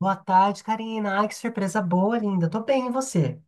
Boa tarde, Karina. Ai, que surpresa boa, linda. Tô bem, e você?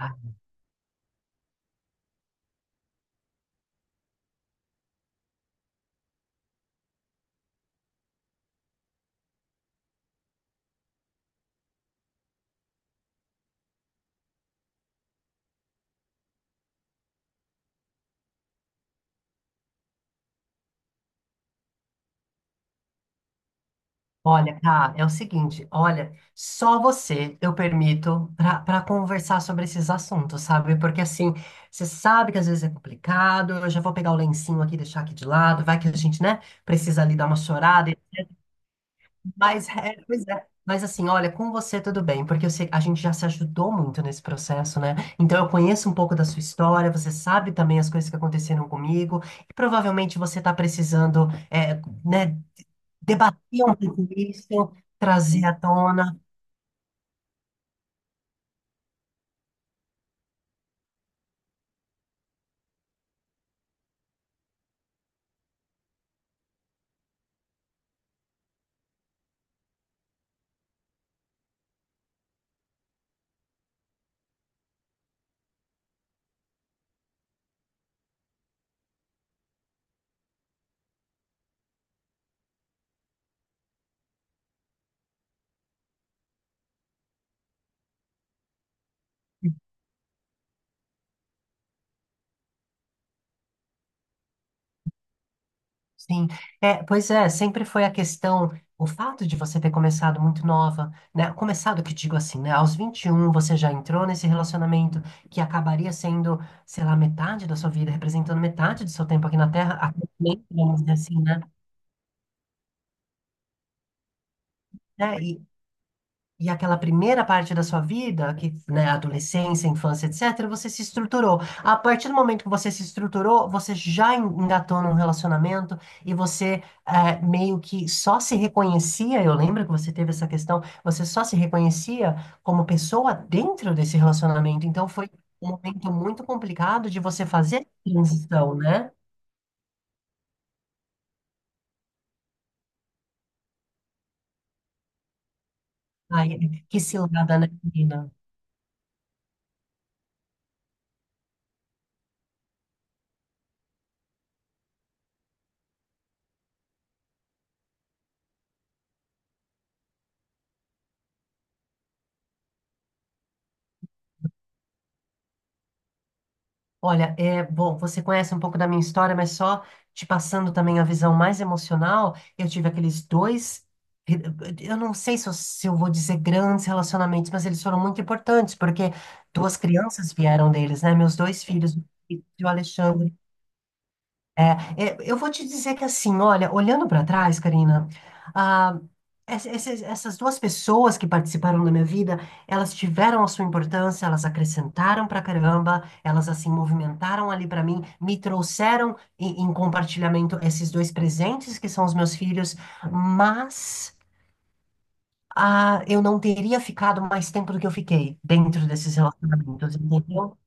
Ah, olha, tá, é o seguinte, olha, só você eu permito pra para conversar sobre esses assuntos, sabe? Porque assim, você sabe que às vezes é complicado, eu já vou pegar o lencinho aqui, deixar aqui de lado, vai que a gente, né, precisa ali dar uma chorada. Mas, é, pois é. Mas assim, olha, com você tudo bem, porque a gente já se ajudou muito nesse processo, né? Então eu conheço um pouco da sua história, você sabe também as coisas que aconteceram comigo, e provavelmente você está precisando, é, né, debater um pouco isso, trazer à tona. Sim, é, pois é, sempre foi a questão, o fato de você ter começado muito nova, né? Começado, que digo assim, né? Aos 21 você já entrou nesse relacionamento que acabaria sendo, sei lá, metade da sua vida, representando metade do seu tempo aqui na Terra, até, vamos dizer assim, né? Né, e aquela primeira parte da sua vida, que, né, adolescência, infância, etc., você se estruturou. A partir do momento que você se estruturou, você já engatou num relacionamento e você meio que só se reconhecia. Eu lembro que você teve essa questão, você só se reconhecia como pessoa dentro desse relacionamento. Então foi um momento muito complicado de você fazer a transição, né? Ai, que cilada, né, menina? Olha, é bom, você conhece um pouco da minha história, mas só te passando também a visão mais emocional, eu tive aqueles dois, eu não sei se eu vou dizer grandes relacionamentos, mas eles foram muito importantes, porque duas crianças vieram deles, né? Meus dois filhos, o Alexandre é, eu vou te dizer que assim, olha, olhando para trás, Karina, ah, essas duas pessoas que participaram da minha vida, elas tiveram a sua importância, elas acrescentaram pra caramba, elas assim movimentaram ali pra mim, me trouxeram em compartilhamento esses dois presentes que são os meus filhos, mas ah, eu não teria ficado mais tempo do que eu fiquei dentro desses relacionamentos, entendeu?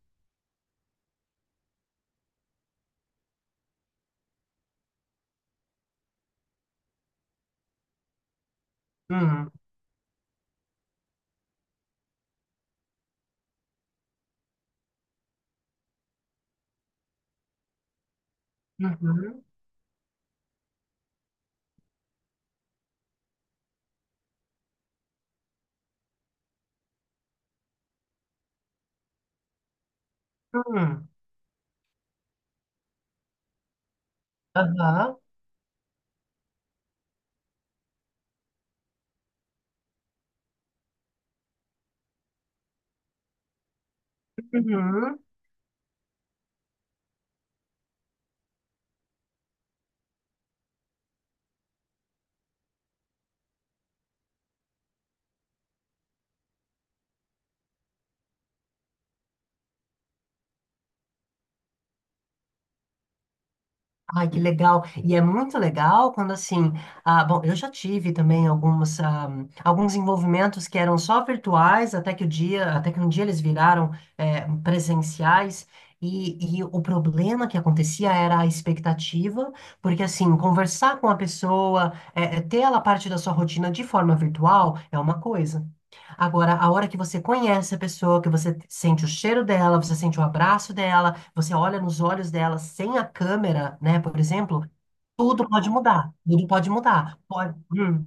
Hum. Uhum. Hum. Aham. Uhum. Ai, que legal. E é muito legal quando assim, ah, bom, eu já tive também alguns envolvimentos que eram só virtuais, até que o dia, até que um dia eles viraram, presenciais. E o problema que acontecia era a expectativa, porque assim, conversar com a pessoa, ter ela parte da sua rotina de forma virtual é uma coisa. Agora, a hora que você conhece a pessoa, que você sente o cheiro dela, você sente o abraço dela, você olha nos olhos dela sem a câmera, né, por exemplo, tudo pode mudar. Tudo pode mudar.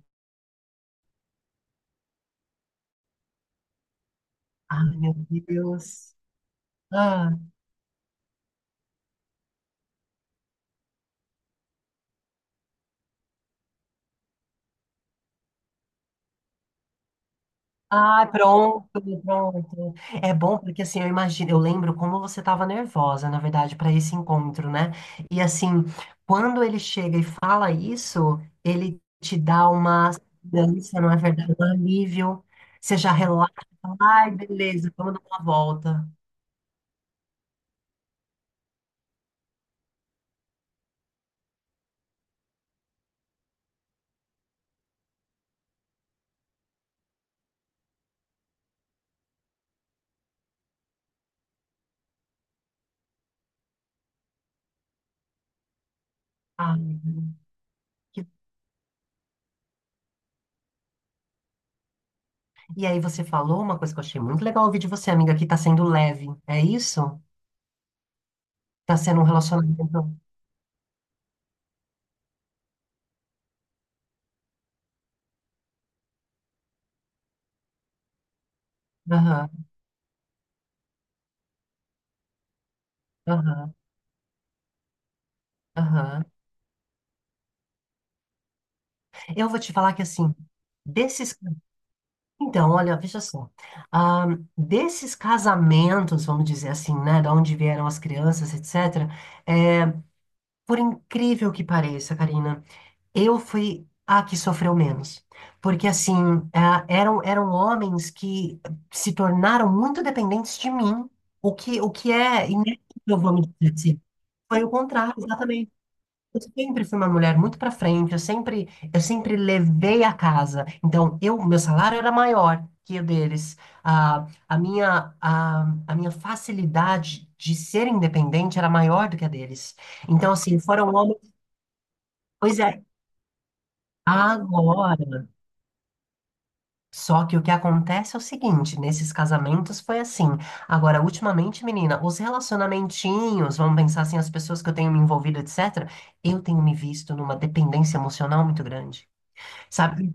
Ai, meu Deus. Ah. Ah, pronto, pronto. É bom porque assim, eu imagino, eu lembro como você estava nervosa, na verdade, para esse encontro, né? E assim, quando ele chega e fala isso, ele te dá uma segurança, não é verdade? Um alívio. Você já relaxa, fala, ai, beleza, vamos dar uma volta. Ai, que- e aí você falou uma coisa que eu achei muito legal ouvir de você, amiga, que tá sendo leve. É isso? Tá sendo um relacionamento. Aham, aham, aham. Eu vou te falar que assim, desses. Então, olha, veja só. Ah, desses casamentos, vamos dizer assim, né? Da onde vieram as crianças, etc. É, por incrível que pareça, Karina, eu fui a que sofreu menos. Porque, assim, ah, eram homens que se tornaram muito dependentes de mim, o que é inédito, vamos dizer assim. Foi o contrário, exatamente. Eu sempre fui uma mulher muito pra frente, eu sempre levei a casa. Então, eu, meu salário era maior que o deles. Ah, a minha facilidade de ser independente era maior do que a deles. Então, assim, foram homens. Pois é, agora. Só que o que acontece é o seguinte, nesses casamentos foi assim. Agora, ultimamente, menina, os relacionamentinhos, vamos pensar assim, as pessoas que eu tenho me envolvido, etc., eu tenho me visto numa dependência emocional muito grande. Sabe?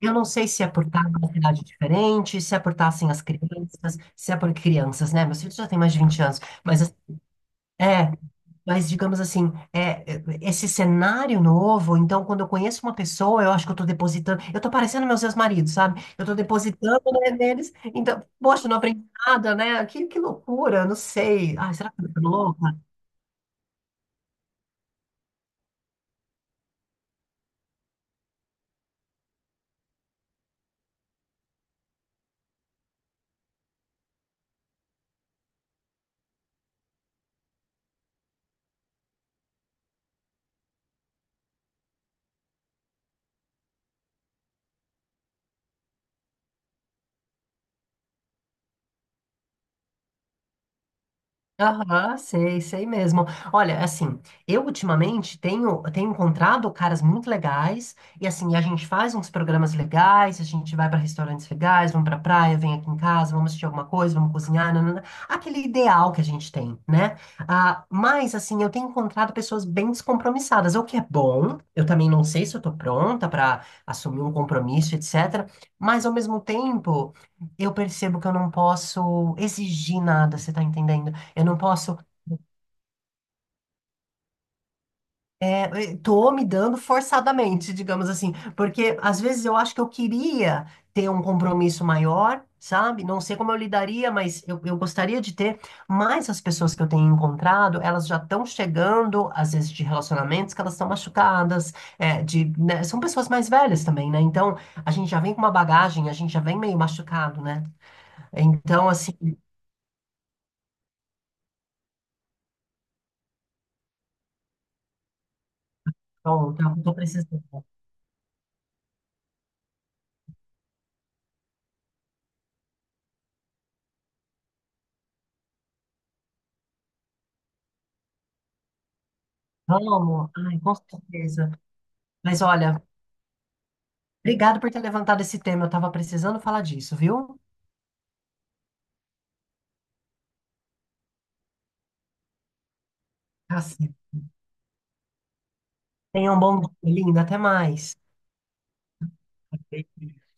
Eu não sei se é por estar numa cidade diferente, se é por estar sem as crianças, se é por crianças, né? Meus filhos já têm mais de 20 anos, mas assim, é, mas digamos assim, esse cenário novo, então quando eu conheço uma pessoa, eu acho que eu estou depositando, eu estou parecendo meus ex-maridos, sabe? Eu estou depositando, né, neles, então, poxa, não aprendi nada, né? Que loucura, não sei. Ai, será que eu tô louco? Aham, sei, sei mesmo. Olha, assim, eu ultimamente tenho encontrado caras muito legais, e assim, a gente faz uns programas legais, a gente vai para restaurantes legais, vamos pra praia, vem aqui em casa, vamos assistir alguma coisa, vamos cozinhar, nanana, aquele ideal que a gente tem, né? Ah, mas, assim, eu tenho encontrado pessoas bem descompromissadas, o que é bom, eu também não sei se eu tô pronta para assumir um compromisso, etc., mas ao mesmo tempo, eu percebo que eu não posso exigir nada, você tá entendendo? Eu não posso. É, eu tô me dando forçadamente, digamos assim, porque às vezes eu acho que eu queria ter um compromisso maior, sabe? Não sei como eu lidaria, mas eu gostaria de ter. Mas as pessoas que eu tenho encontrado, elas já estão chegando, às vezes, de relacionamentos que elas estão machucadas, é, de, né, são pessoas mais velhas também, né? Então a gente já vem com uma bagagem, a gente já vem meio machucado, né? Então, assim, pronto, eu tô precisando. Vamos, ai, com certeza. Mas olha, obrigado por ter levantado esse tema. Eu estava precisando falar disso, viu? Tá certo. Tenha um bom dia, linda. Até mais.